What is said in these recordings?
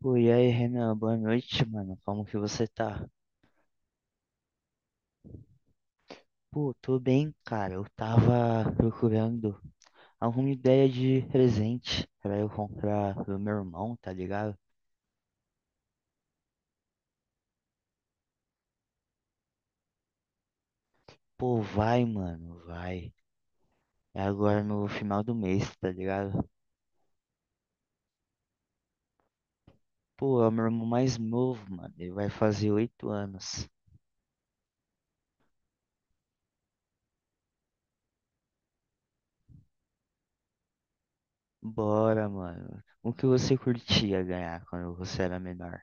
Pô, e aí, Renan, boa noite, mano. Como que você tá? Pô, tô bem, cara. Eu tava procurando alguma ideia de presente pra eu comprar pro meu irmão, tá ligado? Pô, vai, mano, vai. É agora no final do mês, tá ligado? Pô, é o meu irmão mais novo, mano. Ele vai fazer 8 anos. Bora, mano. O que você curtia ganhar quando você era menor?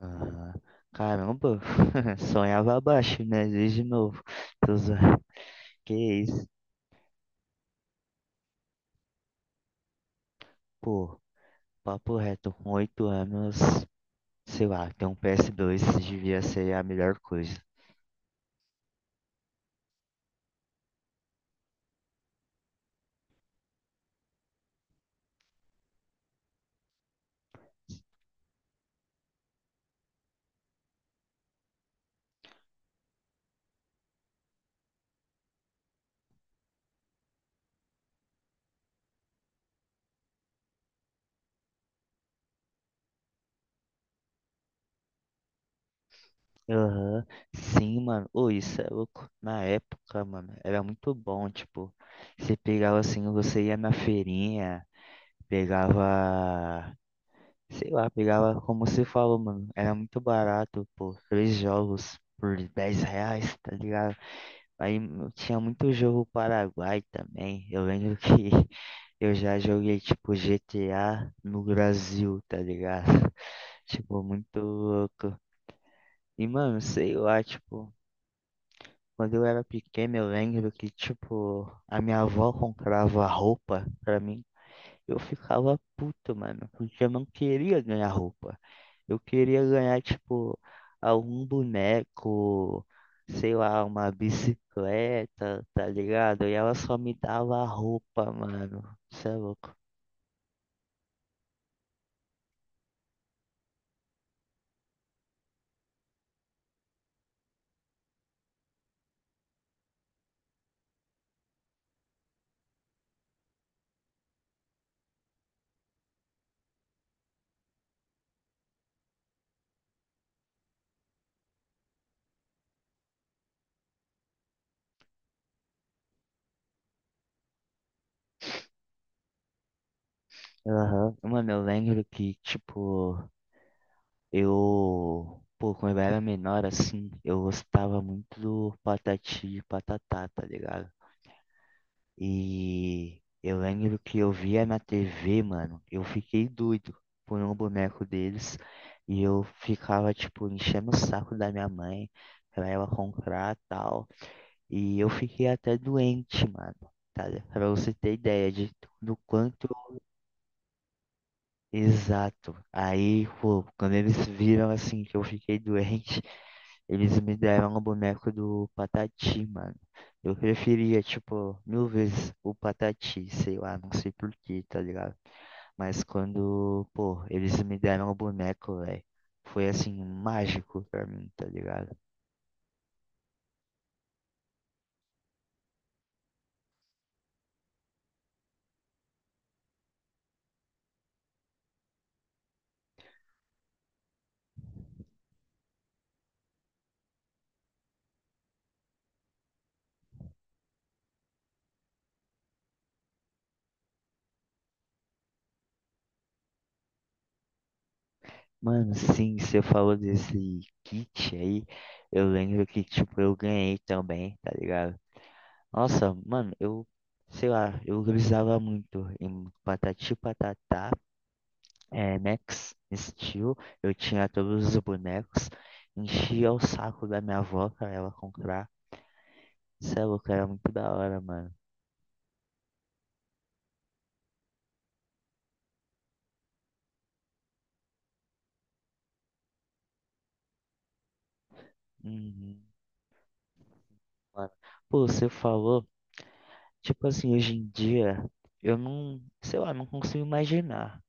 Aham. Caramba, sonhava abaixo, né? Desde novo. Tô zoando. Que isso, pô, papo reto, com 8 anos, sei lá, ter um PS2 devia ser a melhor coisa. Aham. Sim, mano, ô, isso é louco. Na época, mano, era muito bom, tipo, você pegava assim, você ia na feirinha, pegava, sei lá, pegava, como você falou, mano, era muito barato, pô, três jogos por 10 reais, tá ligado? Aí tinha muito jogo Paraguai também. Eu lembro que eu já joguei tipo GTA no Brasil, tá ligado? Tipo, muito louco. E mano, sei lá, tipo, quando eu era pequeno, eu lembro que, tipo, a minha avó comprava roupa pra mim. Eu ficava puto, mano, porque eu não queria ganhar roupa. Eu queria ganhar, tipo, algum boneco, sei lá, uma bicicleta, tá ligado? E ela só me dava a roupa, mano. Você é louco. Aham. Mano, eu lembro que, tipo, eu. Pô, quando eu era menor, assim, eu gostava muito do Patati e Patatá, tá ligado? E eu lembro que eu via na TV, mano, eu fiquei doido por um boneco deles e eu ficava, tipo, enchendo o saco da minha mãe pra ela comprar tal. E eu fiquei até doente, mano, tá? Pra você ter ideia de do quanto exato. Aí, pô, quando eles viram assim que eu fiquei doente, eles me deram o boneco do Patati, mano. Eu preferia, tipo, mil vezes o Patati, sei lá, não sei por quê, tá ligado? Mas quando, pô, eles me deram o boneco, velho, foi assim, mágico pra mim, tá ligado? Mano, sim, você falou desse kit aí, eu lembro que, tipo, eu ganhei também, tá ligado? Nossa, mano, eu, sei lá, eu grisava muito em Patati e Patatá. É, Max Steel, eu tinha todos os bonecos, enchia o saco da minha avó pra ela comprar. Cê é louco, era muito da hora, mano. Uhum, mano. Pô, você falou, tipo assim, hoje em dia, eu não, sei lá, não consigo imaginar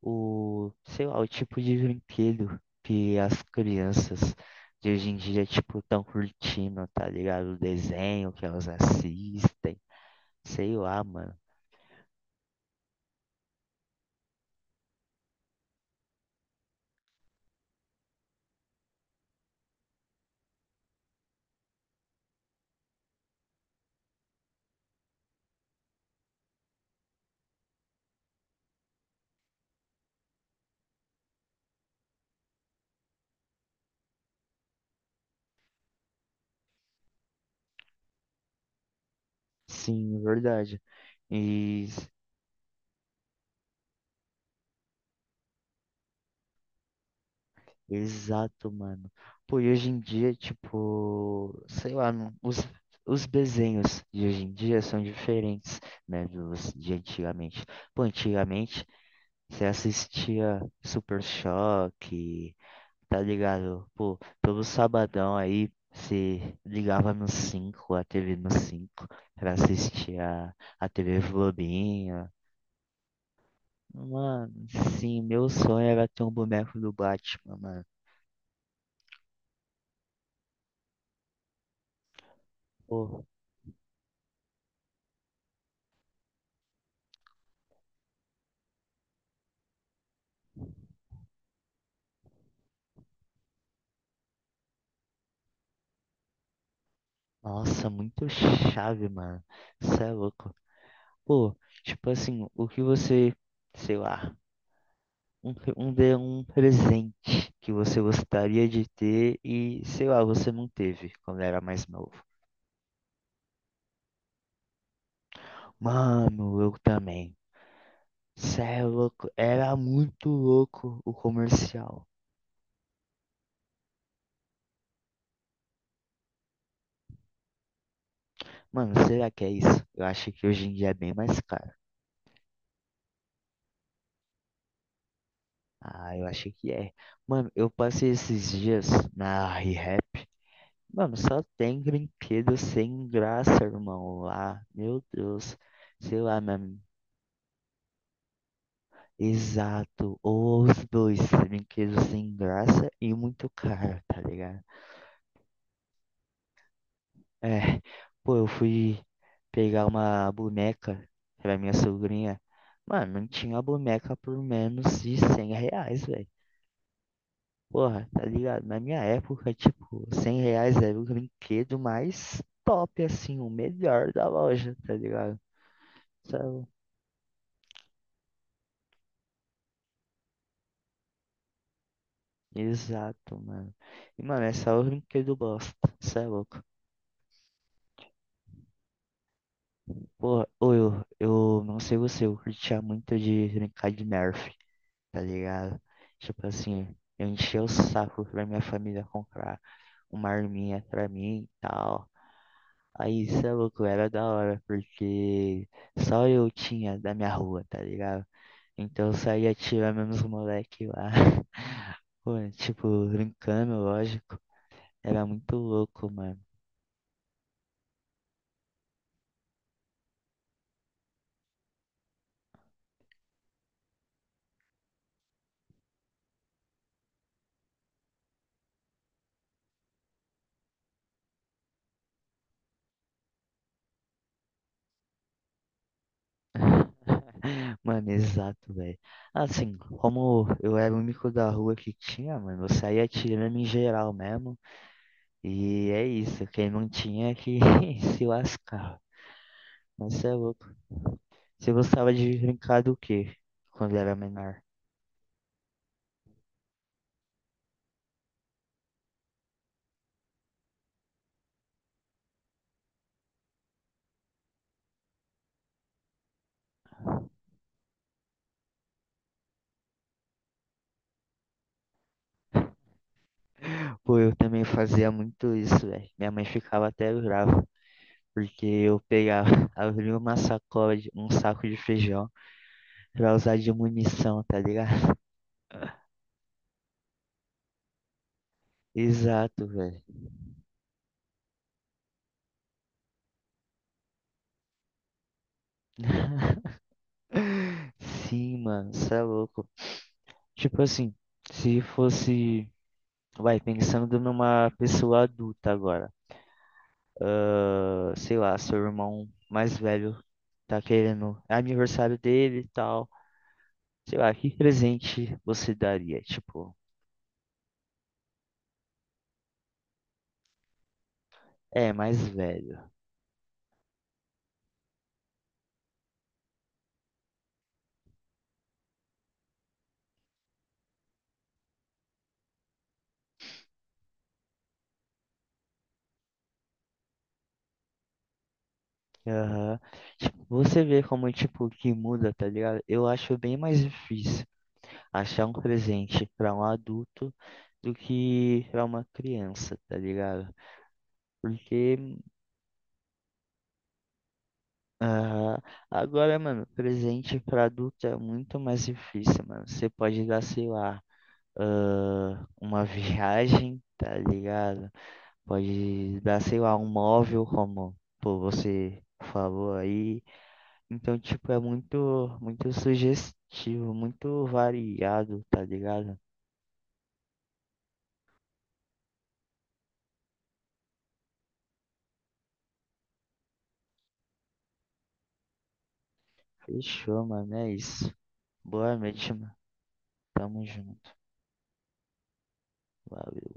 o, sei lá, o tipo de brinquedo que as crianças de hoje em dia, tipo, tão curtindo, tá ligado? O desenho que elas assistem, sei lá, mano. Sim, verdade. E Exato, mano. Pô, e hoje em dia, tipo, sei lá, os desenhos de hoje em dia são diferentes, né, dos de antigamente. Pô, antigamente você assistia Super Choque, tá ligado? Pô, todo sabadão aí você ligava no cinco, a TV no 5 pra assistir a TV Globinho. Mano, sim, meu sonho era ter um boneco do Batman, mano. Nossa, muito chave, mano. Cê é louco. Pô, tipo assim, o que você, sei lá, um presente que você gostaria de ter e, sei lá, você não teve quando era mais novo. Mano, eu também. Cê é louco. Era muito louco o comercial. Mano, será que é isso? Eu acho que hoje em dia é bem mais caro. Ah, eu acho que é. Mano, eu passei esses dias na re Mano, só tem brinquedo sem graça, irmão, lá. Meu Deus. Sei lá, mano. Exato. Ou os dois, brinquedos sem graça e muito caro, tá ligado? É. Pô, eu fui pegar uma boneca pra minha sobrinha. Mano, não tinha boneca por menos de 100 reais, velho. Porra, tá ligado? Na minha época, tipo, 100 reais era o brinquedo mais top, assim, o melhor da loja, tá ligado? Sabe? Exato, mano. E, mano, essa é a única que eu gosto. Isso é louco. Pô, ô, eu não sei você, eu curtia muito de brincar de Nerf, tá ligado? Tipo assim, eu enchia o saco pra minha família comprar uma arminha pra mim e tal. Aí, isso é louco, era da hora, porque só eu tinha da minha rua, tá ligado? Então eu saía atirando nos moleque lá. Pô, tipo, brincando, lógico. Era muito louco, mano. Mano, exato, velho. Assim, como eu era o único da rua que tinha, mano, eu saía tirando em geral mesmo. E é isso, quem não tinha é que se lascava. Mas cê é louco. Você gostava de brincar do quê quando era menor? Pô, eu também fazia muito isso, velho. Minha mãe ficava até brava, porque eu pegava, abria uma sacola um saco de feijão pra usar de munição, tá ligado? Exato, velho. Sim, mano, cê é louco. Tipo assim, se fosse, vai, pensando numa pessoa adulta agora, ah, sei lá, seu irmão mais velho tá querendo, é aniversário dele e tal, sei lá, que presente você daria? Tipo, é, mais velho. Aham. Tipo, você vê como, tipo, que muda, tá ligado? Eu acho bem mais difícil achar um presente pra um adulto do que pra uma criança, tá ligado? Porque ah, agora, mano, presente para adulto é muito mais difícil, mano. Você pode dar, sei lá, ah, uma viagem, tá ligado? Pode dar, sei lá, um móvel, como pô, você falou aí. Então, tipo, é muito, muito sugestivo, muito variado, tá ligado? Fechou, mano, é isso. Boa noite, mano. Tamo junto. Valeu.